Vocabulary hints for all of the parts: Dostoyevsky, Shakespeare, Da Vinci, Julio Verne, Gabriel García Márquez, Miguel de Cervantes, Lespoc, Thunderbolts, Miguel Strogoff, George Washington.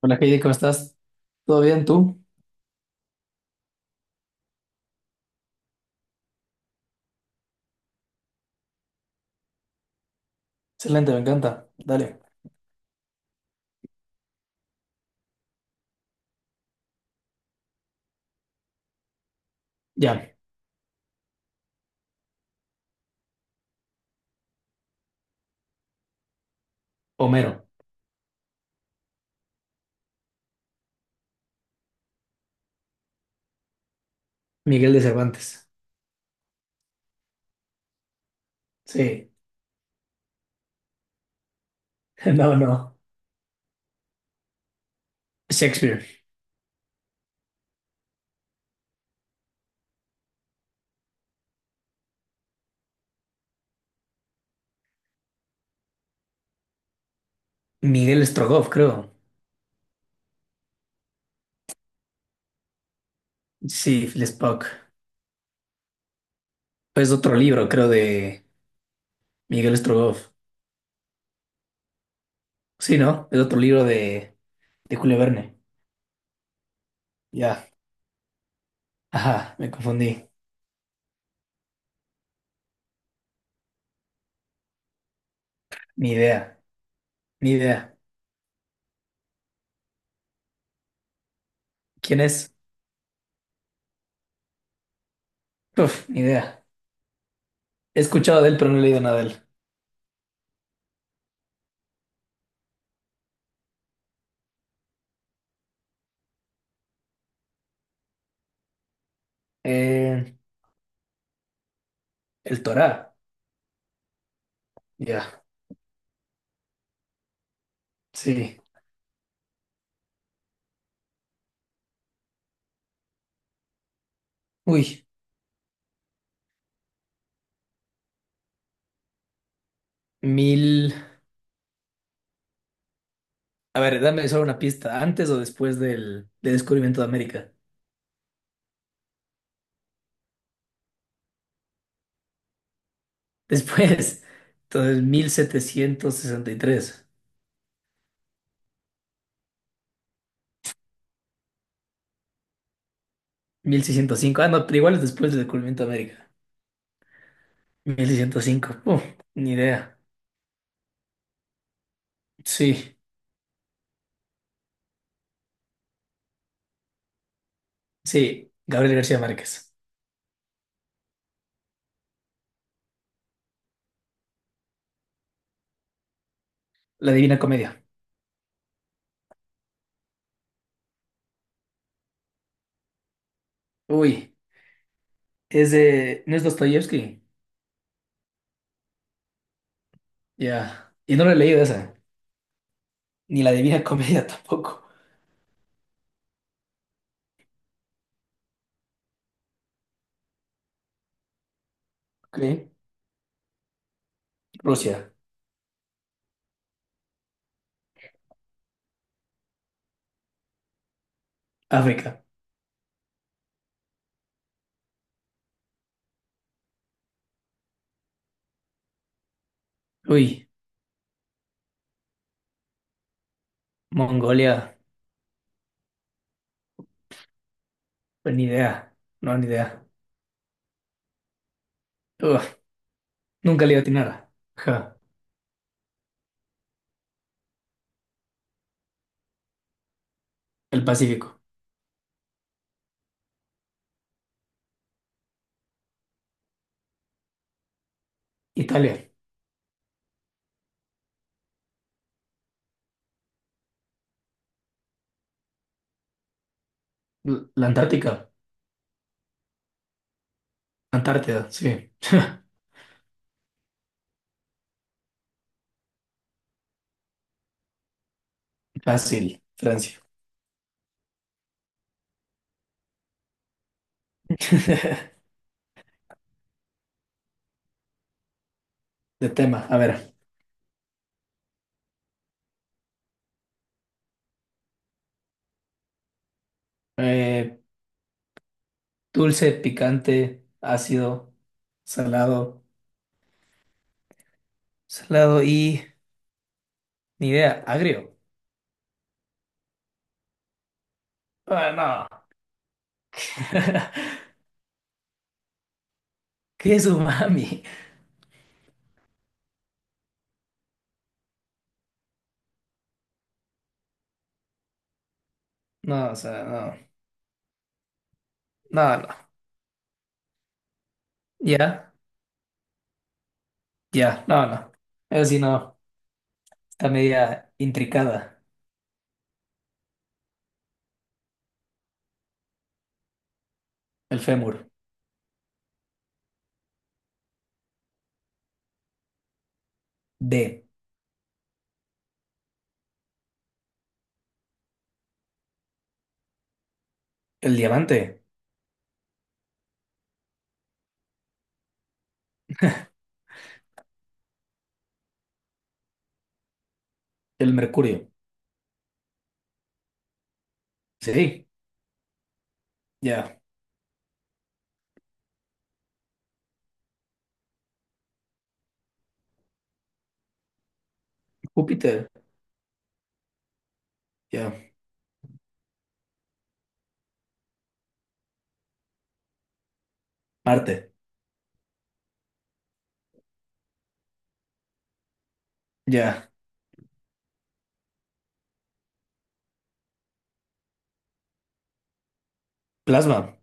Hola Heidi, ¿cómo estás? ¿Todo bien tú? Excelente, me encanta. Dale. Ya. Homero. Miguel de Cervantes. Sí. No, no. Shakespeare. Miguel Strogoff, creo. Sí, Lespoc. Es otro libro, creo, de Miguel Strogoff. Sí, ¿no? Es otro libro de Julio Verne. Ya. Ajá, me confundí. Ni idea. Ni idea. ¿Quién es? Uf, ni idea. He escuchado de él, pero no he leído nada de él. Eh, el Torá. Ya. Sí. Uy. Mil. A ver, dame solo una pista. ¿Antes o después del descubrimiento de América? Después. Entonces, mil setecientos sesenta y tres, 1605. Ah, no, pero igual es después del descubrimiento de América. 1605. Uf, ni idea. Sí, sí. Gabriel García Márquez. La Divina Comedia. Uy, es de... ¿No es Dostoyevsky? Ya. Y no lo he leído esa. Ni La Divina Comedia tampoco. Ok. Rusia. África. Uy, Mongolia. Pues ni idea. No, ni idea. Uf. Nunca le iba. Ja. El Pacífico. Italia. La Antártica. Antártida, sí. Fácil. Francia. De tema, a ver. eh, Dulce, picante, ácido, salado. Salado y... Ni idea, agrio. Ah, no. ¿Qué es umami? No, o sea, no. No, no. Ya, ya, no, no. Eso sí, no. Está media intricada. El fémur. D. El diamante. El mercurio. Sí, ya. Júpiter, ya. Marte, ya. Plasma,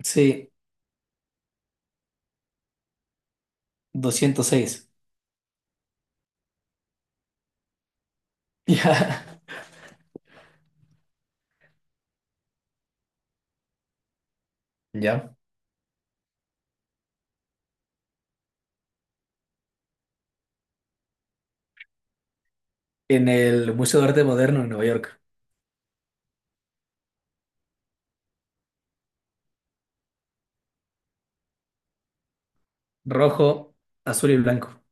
sí. 206, ya. Ya. En el Museo de Arte Moderno en Nueva York. Rojo, azul y blanco.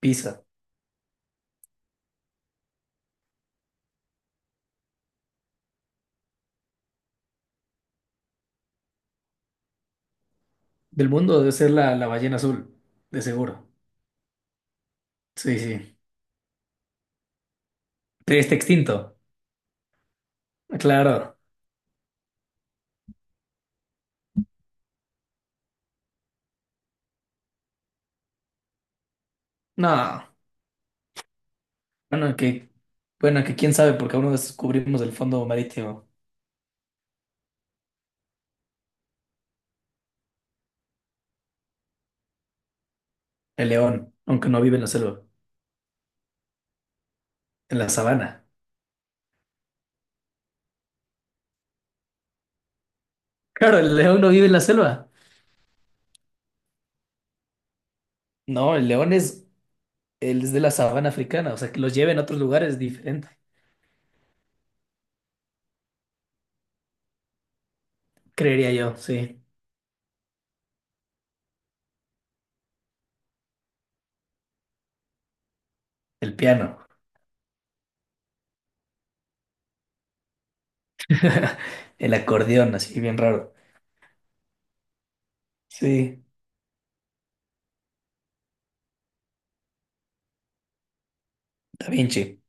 Pisa. Del mundo debe ser la ballena azul, de seguro. Sí, sí. Pero está extinto. Claro. No. Bueno, que, bueno, que quién sabe, porque aún no descubrimos el fondo marítimo. El león, aunque no vive en la selva, en la sabana. Claro, el león no vive en la selva. No, el león es. Él es de la sabana africana, o sea, que los lleve en otros lugares es diferente, creería yo, sí. El piano, el acordeón, así bien raro. Sí, Da Vinci.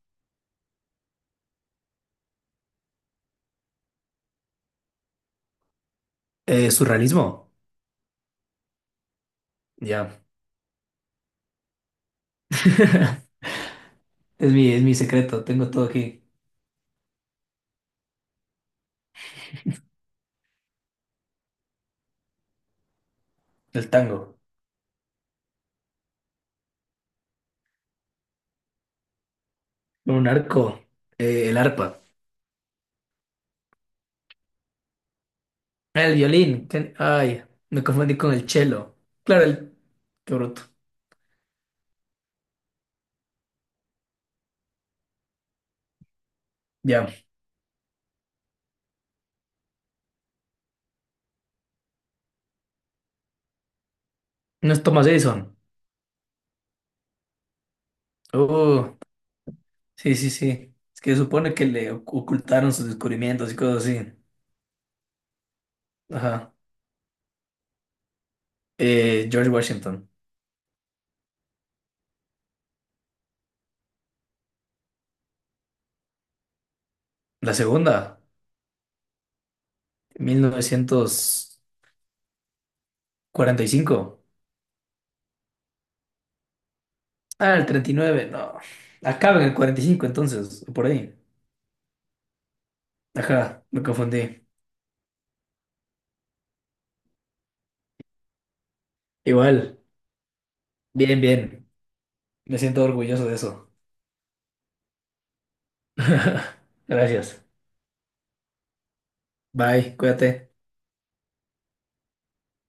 Surrealismo, ya. Es mi secreto, tengo todo aquí. El tango, un arco, el arpa, el violín. Ay, me confundí con el cello. Claro, el... Qué bruto. Ya, no es Thomas Edison. Oh, sí, sí, sí. Es que se supone que le ocultaron sus descubrimientos y cosas así. Ajá. George Washington. La segunda, 1945. Ah, el 39, no. Acaba en el 45 entonces, o por ahí. Ajá, me confundí. Igual, bien, bien. Me siento orgulloso de eso. Gracias. Bye, cuídate.